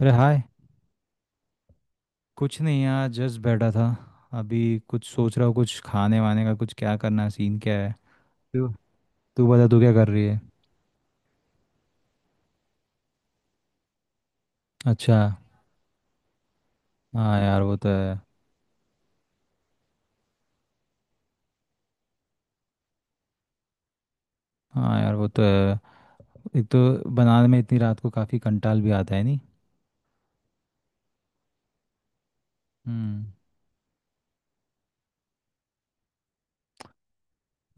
अरे हाय। कुछ नहीं यार, जस्ट बैठा था। अभी कुछ सोच रहा हूँ, कुछ खाने वाने का, कुछ क्या करना है, सीन क्या है। तू तू बता, तू क्या कर रही है? अच्छा। हाँ यार, वो तो है। हाँ यार, वो तो है। एक तो बनाने में इतनी रात को काफ़ी कंटाल भी आता है, नहीं? हम्म।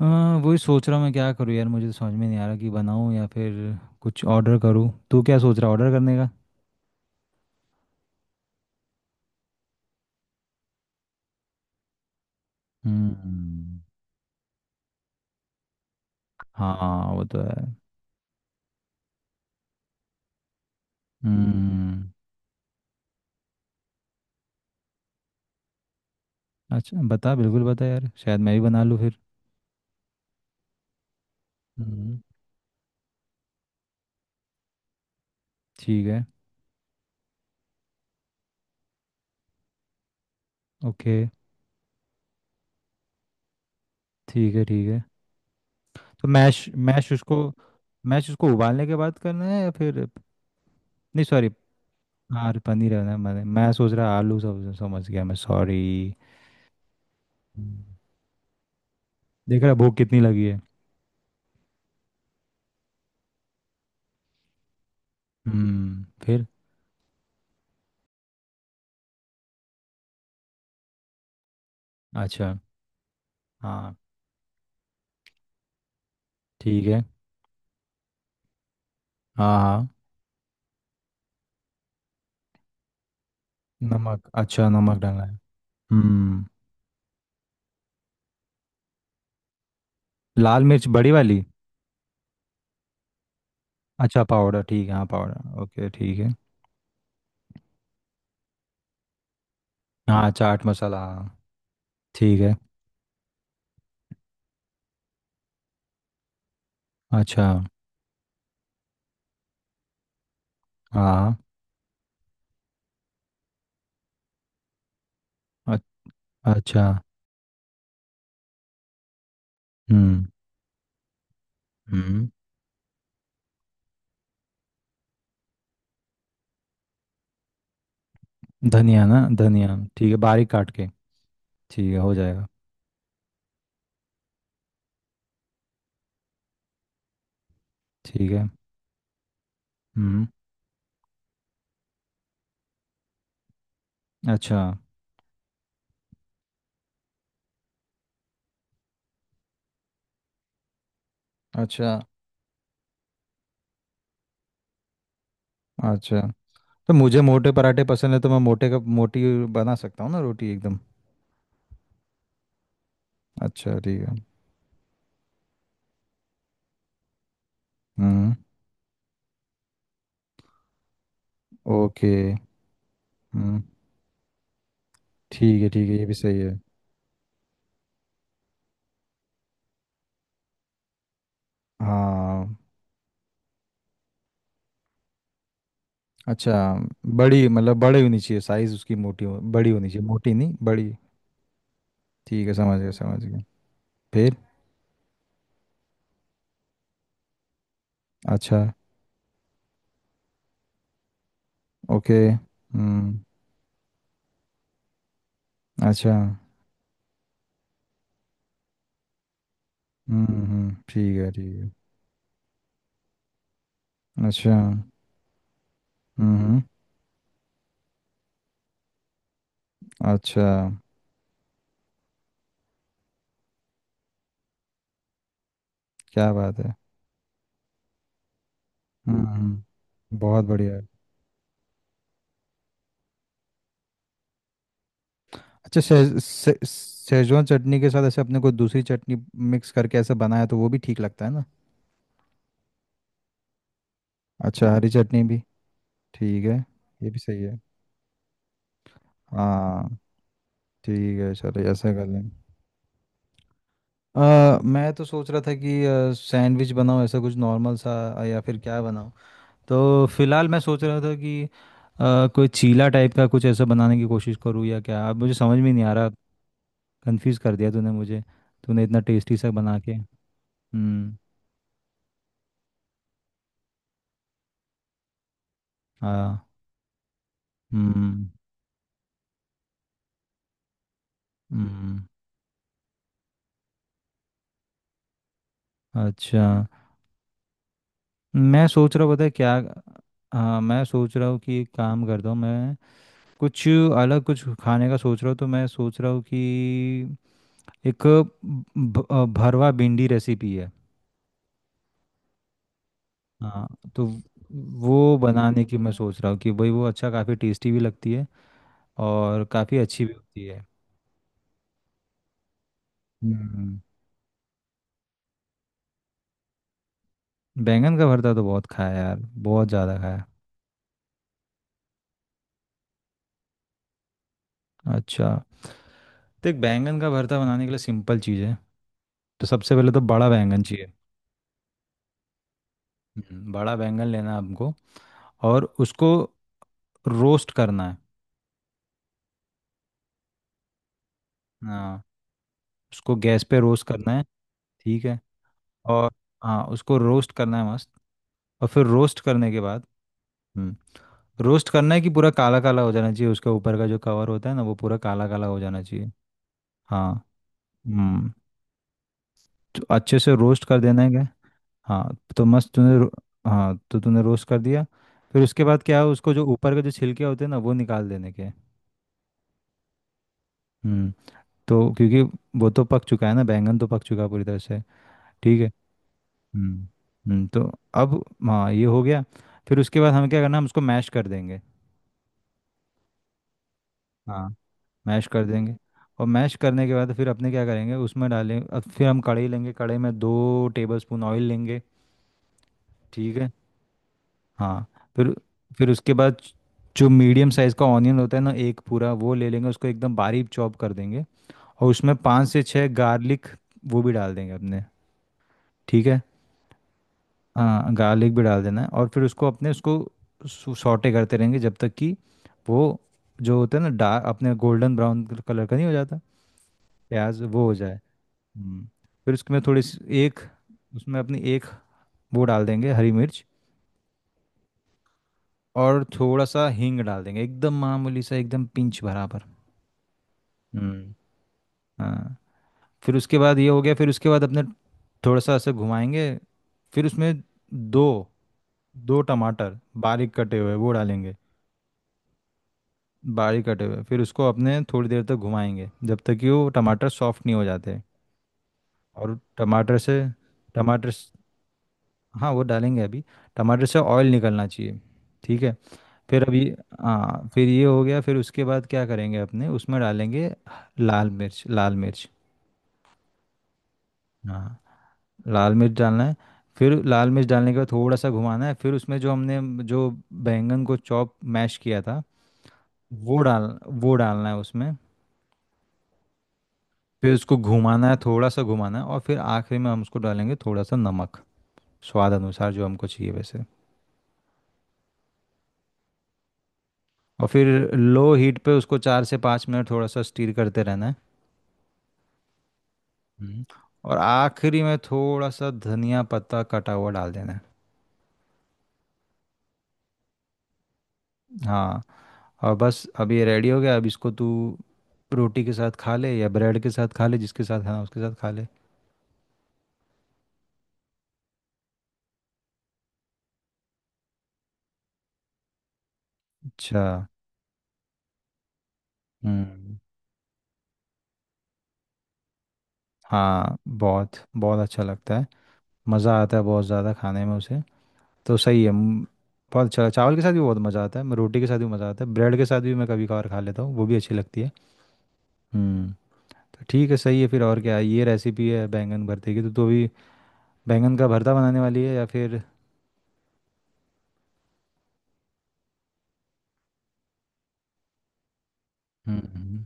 हाँ, वही सोच रहा हूँ मैं, क्या करूँ यार, मुझे तो समझ में नहीं आ रहा कि बनाऊँ या फिर कुछ ऑर्डर करूँ। तू क्या सोच रहा है, ऑर्डर करने का? हम्म। हाँ वो तो है। हम्म। अच्छा बता, बिल्कुल बता यार, शायद मैं भी बना लूँ। फिर? ठीक है। ओके। ठीक है। ठीक है तो मैश, मैश उसको उबालने के बाद करना है या फिर, नहीं सॉरी। हाँ पनीर है ना, मैं सोच रहा आलू, सब समझ गया मैं, सॉरी। देख रहा, भूख कितनी लगी है। हम्म, फिर? अच्छा। हाँ। ठीक है। हाँ हाँ। नमक, अच्छा नमक डालना है। हम्म। लाल मिर्च बड़ी वाली? अच्छा पाउडर, ठीक है, हाँ पाउडर, ओके ठीक है। हाँ चाट मसाला, हाँ। ठीक है। अच्छा। हाँ हाँ, अ- अच्छा। हम्म हम्म। धनिया, ना धनिया, ठीक है, बारीक काट के। ठीक है, हो जाएगा। ठीक है। हम्म। अच्छा। अच्छा। अच्छा। तो मुझे मोटे पराठे पसंद है, तो मैं मोटे का, मोटी बना सकता हूँ ना, रोटी एकदम। अच्छा ठीक है। हम्म। ओके हम्म। ठीक है ठीक है, ये भी सही है। हाँ। अच्छा। बड़ी मतलब, बड़ी होनी चाहिए साइज उसकी, मोटी हो, बड़ी होनी चाहिए, मोटी नहीं, बड़ी। ठीक है, समझ गया। फिर? अच्छा। ओके हम्म। अच्छा। हम्म। ठीक है ठीक है। अच्छा। हम्म। अच्छा। क्या बात है। हम्म। बहुत बढ़िया। अच्छा सेजवान चटनी के साथ ऐसे अपने को, दूसरी चटनी मिक्स करके ऐसे बनाया, तो वो भी ठीक लगता है ना? अच्छा, हरी चटनी भी। ठीक है। ये भी सही है। हाँ ठीक है, चलो ऐसा कर लें। मैं तो सोच रहा था कि सैंडविच बनाऊँ ऐसा कुछ नॉर्मल सा, या फिर क्या बनाऊँ। तो फिलहाल मैं सोच रहा था कि कोई चीला टाइप का कुछ ऐसा बनाने की कोशिश करूँ, या क्या, अब मुझे समझ में नहीं आ रहा। कंफ्यूज कर दिया तूने मुझे, तूने इतना टेस्टी सा बना के। हम्म। हाँ। हम्म। हम्म। अच्छा। मैं सोच रहा हूँ, पता है क्या? हाँ मैं सोच रहा हूँ कि एक काम करता हूँ मैं, कुछ अलग कुछ खाने का सोच रहा हूँ, तो मैं सोच रहा हूँ कि एक भरवा भिंडी रेसिपी है। हाँ, तो वो बनाने की मैं सोच रहा हूँ कि भाई, वो अच्छा काफ़ी टेस्टी भी लगती है और काफ़ी अच्छी भी होती है। हम्म। बैंगन का भरता तो बहुत खाया यार, बहुत ज़्यादा खाया। अच्छा, तो एक बैंगन का भरता बनाने के लिए सिंपल चीज़ है। तो सबसे पहले तो बड़ा बैंगन चाहिए। बड़ा बैंगन लेना है आपको, और उसको रोस्ट करना है। हाँ, उसको गैस पे रोस्ट करना है। ठीक है। और हाँ उसको रोस्ट करना है मस्त, और फिर रोस्ट करने के बाद, हम्म, रोस्ट करना है कि पूरा काला काला हो जाना चाहिए, उसके ऊपर का जो कवर होता है ना, वो पूरा काला काला हो जाना चाहिए। हाँ। हम्म, तो अच्छे से रोस्ट कर देना है। हाँ तो मस्त तूने रो- हाँ तो तूने रोस्ट कर दिया। फिर उसके बाद क्या है, उसको जो ऊपर के जो छिलके होते हैं ना, वो निकाल देने के। हम्म, तो क्योंकि वो तो पक चुका है ना, बैंगन तो पक चुका है पूरी तरह से। ठीक है। हम्म हम्म। तो अब हाँ ये हो गया। फिर उसके बाद हमें क्या करना है, हम उसको मैश कर देंगे। हाँ मैश कर देंगे। और मैश करने के बाद फिर अपने क्या करेंगे, उसमें डालें, अब फिर हम कढ़ाई लेंगे, कढ़ाई में दो टेबल स्पून ऑयल लेंगे। ठीक है। हाँ। फिर फिर उसके बाद जो मीडियम साइज़ का ऑनियन होता है ना, एक पूरा वो ले लेंगे, उसको एकदम बारीक चॉप कर देंगे। और उसमें पाँच से छः गार्लिक वो भी डाल देंगे अपने। ठीक है। हाँ गार्लिक भी डाल देना है, और फिर उसको सॉटे करते रहेंगे जब तक कि वो, जो होता है ना, डार्क अपने गोल्डन ब्राउन कलर का नहीं हो जाता, प्याज वो हो जाए। हम्म। फिर उसमें थोड़ी सी एक, उसमें अपनी एक वो डाल देंगे हरी मिर्च, और थोड़ा सा हींग डाल देंगे एकदम मामूली सा, एकदम पिंच भरा। हम्म। हाँ। फिर उसके बाद ये हो गया, फिर उसके बाद अपने थोड़ा सा ऐसे घुमाएंगे। फिर उसमें दो दो टमाटर बारीक कटे हुए वो डालेंगे, बारीक कटे हुए। फिर उसको अपने थोड़ी देर तक घुमाएंगे, जब तक कि वो टमाटर सॉफ्ट नहीं हो जाते। और टमाटर से टमाटर स- हाँ वो डालेंगे अभी, टमाटर से ऑयल निकलना चाहिए। ठीक है, फिर अभी। हाँ फिर ये हो गया। फिर उसके बाद क्या करेंगे अपने, उसमें डालेंगे लाल मिर्च, लाल मिर्च। हाँ। लाल मिर्च डालना है। फिर लाल मिर्च डालने के बाद थोड़ा सा घुमाना है, फिर उसमें जो हमने जो बैंगन को चॉप मैश किया था, वो डाल वो डालना है उसमें। फिर उसको घुमाना है, थोड़ा सा घुमाना है, और फिर आखिरी में हम उसको डालेंगे थोड़ा सा नमक, स्वाद अनुसार जो हमको चाहिए वैसे। और फिर लो हीट पे उसको चार से पाँच मिनट थोड़ा सा स्टीर करते रहना है। हम्म। और आखिरी में थोड़ा सा धनिया पत्ता कटा हुआ डाल देना है। हाँ, और बस अब ये रेडी हो गया। अब इसको तू रोटी के साथ खा ले या ब्रेड के साथ खा ले, जिसके साथ खाना उसके साथ खा ले। अच्छा। हम्म। हाँ बहुत, बहुत अच्छा लगता है, मज़ा आता है बहुत ज़्यादा खाने में उसे। तो सही है बहुत अच्छा, चावल के साथ भी बहुत मज़ा आता है, मैं रोटी के साथ भी मज़ा आता है, ब्रेड के साथ भी मैं कभी कभार खा लेता हूँ, वो भी अच्छी लगती है। हम्म। तो ठीक है, सही है फिर। और क्या है? ये रेसिपी है बैंगन भरते की। तो तू अभी बैंगन का भरता बनाने वाली है या फिर? हम्म।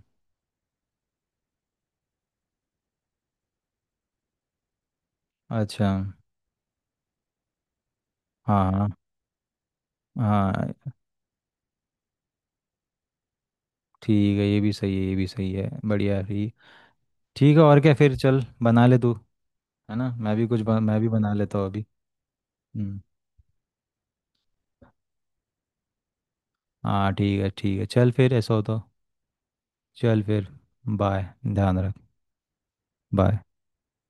अच्छा। हाँ हाँ। हाँ, ठीक है, ये भी सही है, ये भी सही है, बढ़िया है ये। ठीक है। और क्या, फिर चल बना ले तू, है ना, मैं भी मैं भी बना लेता हूँ अभी। हम्म। हाँ ठीक है ठीक है, चल फिर ऐसा हो तो। चल फिर। बाय, ध्यान रख। बाय।